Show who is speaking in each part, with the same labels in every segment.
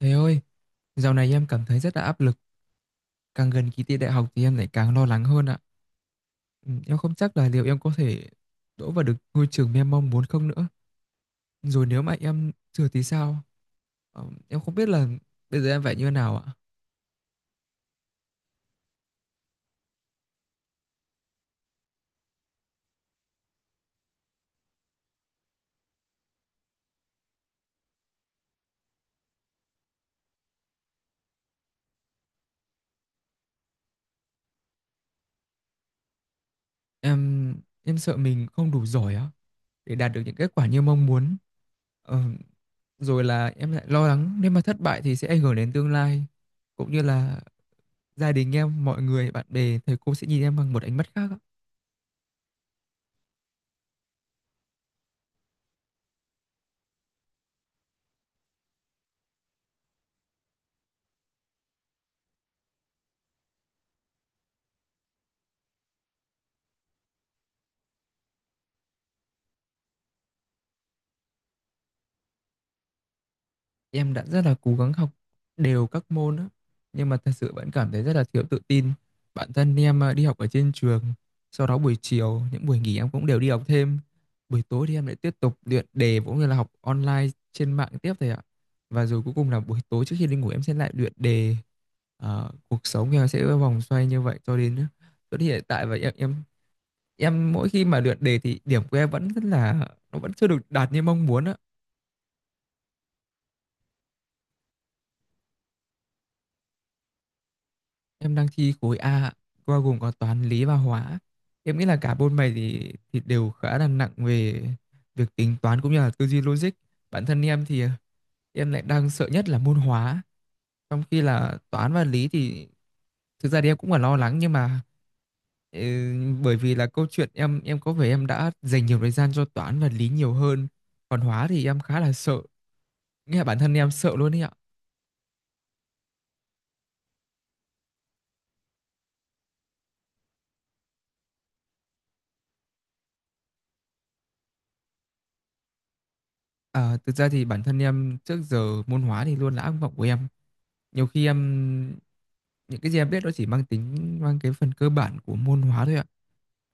Speaker 1: Thầy ơi, dạo này em cảm thấy rất là áp lực. Càng gần kỳ thi đại học thì em lại càng lo lắng hơn ạ. Ừ, em không chắc là liệu em có thể đỗ vào được ngôi trường mà em mong muốn không nữa. Rồi nếu mà em trượt thì sao? Em không biết là bây giờ em phải như thế nào ạ. Em em sợ mình không đủ giỏi á để đạt được những kết quả như mong muốn. Ờ, Rồi là em lại lo lắng nếu mà thất bại thì sẽ ảnh hưởng đến tương lai cũng như là gia đình em, mọi người, bạn bè, thầy cô sẽ nhìn em bằng một ánh mắt khác ạ. Em đã rất là cố gắng học đều các môn á, nhưng mà thật sự vẫn cảm thấy rất là thiếu tự tin. Bản thân em à, đi học ở trên trường, sau đó buổi chiều, những buổi nghỉ em cũng đều đi học thêm. Buổi tối thì em lại tiếp tục luyện đề cũng như là học online trên mạng tiếp thầy ạ. Và rồi cuối cùng là buổi tối trước khi đi ngủ em sẽ lại luyện đề. Ờ, cuộc sống của em sẽ vòng xoay như vậy cho đến hiện tại và em mỗi khi mà luyện đề thì điểm của em vẫn rất là nó vẫn chưa được đạt như mong muốn á. Em đang thi khối A ạ, bao gồm có toán, lý và hóa. Em nghĩ là cả bốn bài thì đều khá là nặng về việc tính toán cũng như là tư duy logic. Bản thân em thì em lại đang sợ nhất là môn hóa, trong khi là toán và lý thì thực ra thì em cũng là lo lắng nhưng mà ừ, bởi vì là câu chuyện em có vẻ em đã dành nhiều thời gian cho toán và lý nhiều hơn, còn hóa thì em khá là sợ, nghĩa là bản thân em sợ luôn đấy ạ. À, thực ra thì bản thân em trước giờ môn hóa thì luôn là ác mộng của em. Nhiều khi em những cái gì em biết nó chỉ mang tính mang cái phần cơ bản của môn hóa thôi ạ.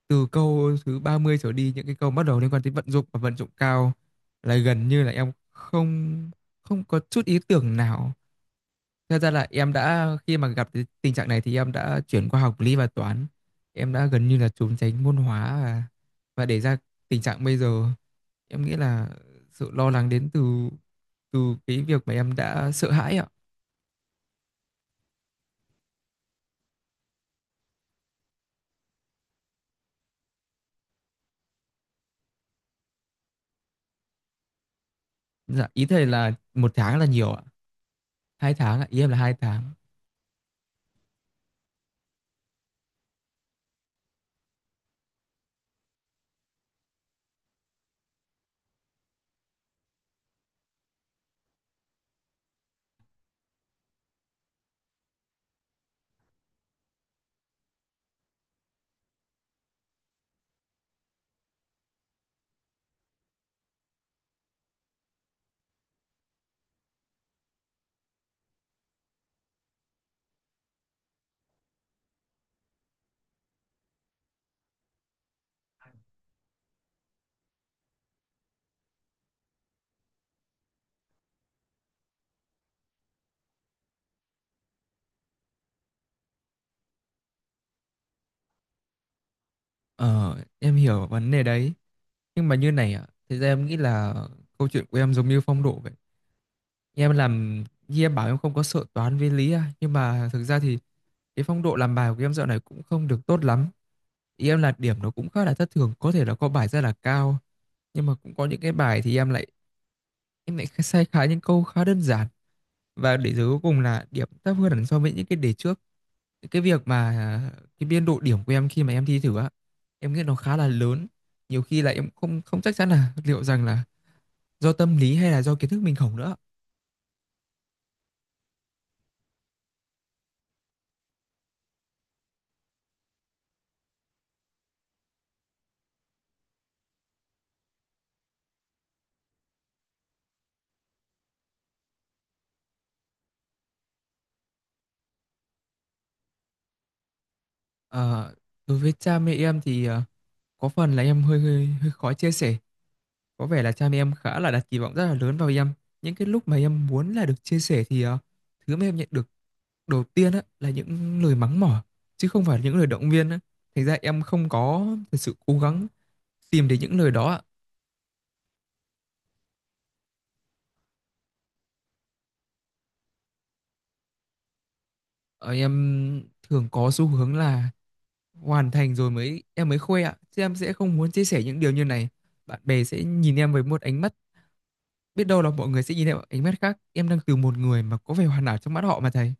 Speaker 1: Từ câu thứ 30 trở đi những cái câu bắt đầu liên quan tới vận dụng và vận dụng cao là gần như là em không không có chút ý tưởng nào. Thật ra là em đã khi mà gặp cái tình trạng này thì em đã chuyển qua học lý và toán, em đã gần như là trốn tránh môn hóa và để ra tình trạng bây giờ. Em nghĩ là sự lo lắng đến từ từ cái việc mà em đã sợ hãi ạ. Dạ, ý thầy là 1 tháng là nhiều ạ. Hai tháng ạ, ý em là 2 tháng. Ờ, em hiểu vấn đề đấy. Nhưng mà như này ạ, thực ra em nghĩ là câu chuyện của em giống như phong độ vậy. Em làm, như em bảo em không có sợ toán với lý à. Nhưng mà thực ra thì cái phong độ làm bài của em dạo này cũng không được tốt lắm. Ý em là điểm nó cũng khá là thất thường, có thể là có bài rất là cao. Nhưng mà cũng có những cái bài thì em lại sai khá những câu khá đơn giản. Và để rồi cuối cùng là điểm thấp hơn hẳn so với những cái đề trước. Cái việc mà cái biên độ điểm của em khi mà em thi thử á em nghĩ nó khá là lớn. Nhiều khi là em không không chắc chắn là liệu rằng là do tâm lý hay là do kiến thức mình hổng nữa. Ờ, đối với cha mẹ em thì có phần là em hơi, hơi hơi khó chia sẻ. Có vẻ là cha mẹ em khá là đặt kỳ vọng rất là lớn vào em. Những cái lúc mà em muốn là được chia sẻ thì thứ mà em nhận được đầu tiên á là những lời mắng mỏ chứ không phải những lời động viên á, thành ra em không có thật sự cố gắng tìm đến những lời đó ạ. Ờ, em thường có xu hướng là hoàn thành rồi mới em mới khoe ạ, chứ em sẽ không muốn chia sẻ những điều như này. Bạn bè sẽ nhìn em với một ánh mắt, biết đâu là mọi người sẽ nhìn em bằng ánh mắt khác, em đang từ một người mà có vẻ hoàn hảo trong mắt họ mà thầy.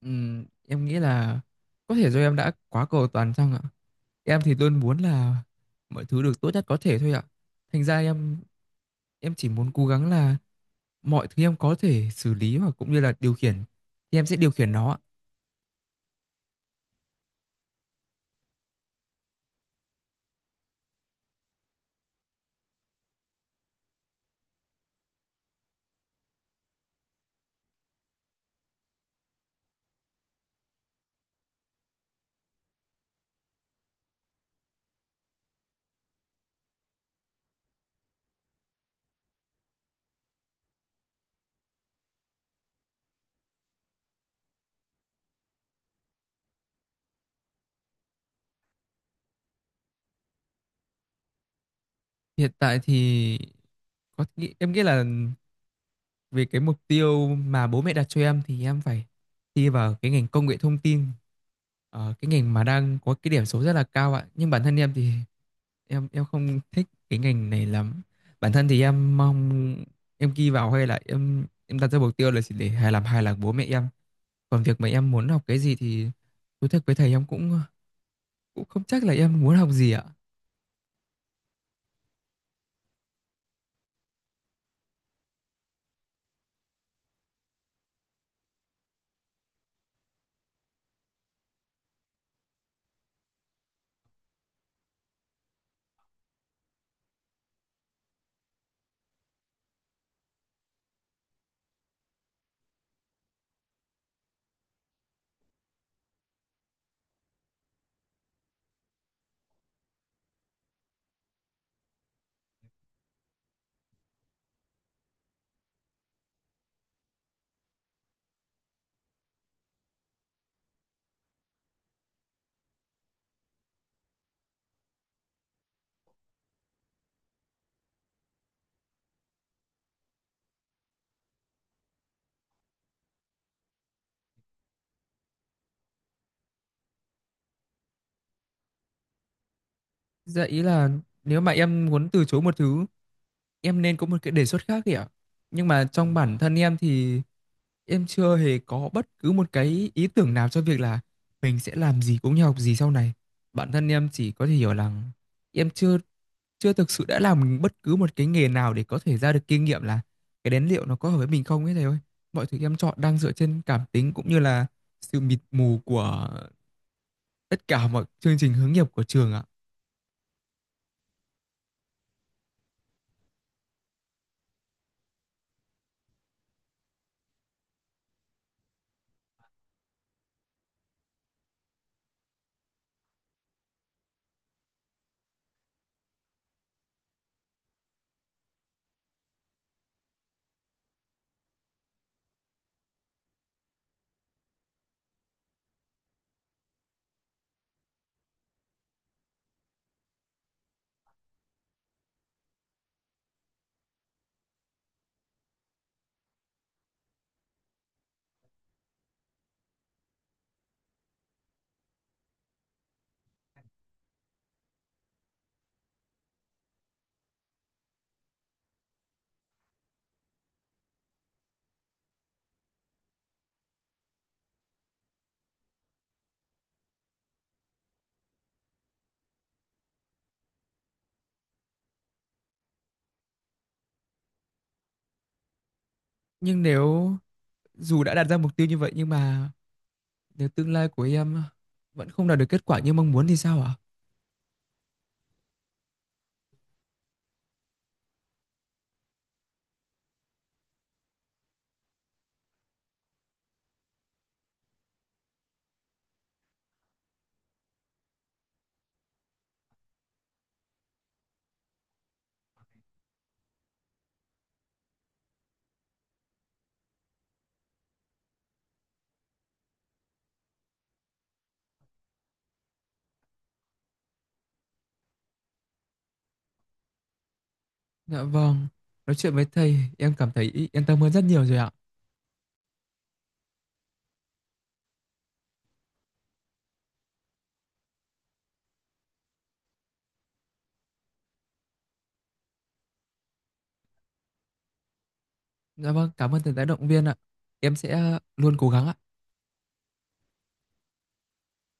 Speaker 1: Em nghĩ là có thể do em đã quá cầu toàn chăng ạ. Em thì luôn muốn là mọi thứ được tốt nhất có thể thôi ạ, thành ra em chỉ muốn cố gắng là mọi thứ em có thể xử lý hoặc cũng như là điều khiển thì em sẽ điều khiển nó ạ. Hiện tại thì có nghĩ em nghĩ là về cái mục tiêu mà bố mẹ đặt cho em thì em phải thi vào cái ngành công nghệ thông tin. Ờ, cái ngành mà đang có cái điểm số rất là cao ạ, nhưng bản thân em thì em không thích cái ngành này lắm. Bản thân thì em mong em ghi vào hay là em đặt ra mục tiêu là chỉ để hài làm hài lòng bố mẹ em. Còn việc mà em muốn học cái gì thì thú thật với thầy em cũng cũng không chắc là em muốn học gì ạ. Dạ, ý là nếu mà em muốn từ chối một thứ em nên có một cái đề xuất khác kìa, nhưng mà trong bản thân em thì em chưa hề có bất cứ một cái ý tưởng nào cho việc là mình sẽ làm gì cũng như học gì sau này. Bản thân em chỉ có thể hiểu là em chưa chưa thực sự đã làm bất cứ một cái nghề nào để có thể ra được kinh nghiệm là cái đến liệu nó có hợp với mình không ấy thầy ơi. Mọi thứ em chọn đang dựa trên cảm tính cũng như là sự mịt mù của tất cả mọi chương trình hướng nghiệp của trường ạ. Nhưng nếu dù đã đặt ra mục tiêu như vậy nhưng mà nếu tương lai của em vẫn không đạt được kết quả như mong muốn thì sao ạ? Dạ vâng, nói chuyện với thầy em cảm thấy yên tâm hơn rất nhiều rồi ạ. Dạ vâng, cảm ơn thầy đã động viên ạ. Em sẽ luôn cố gắng ạ.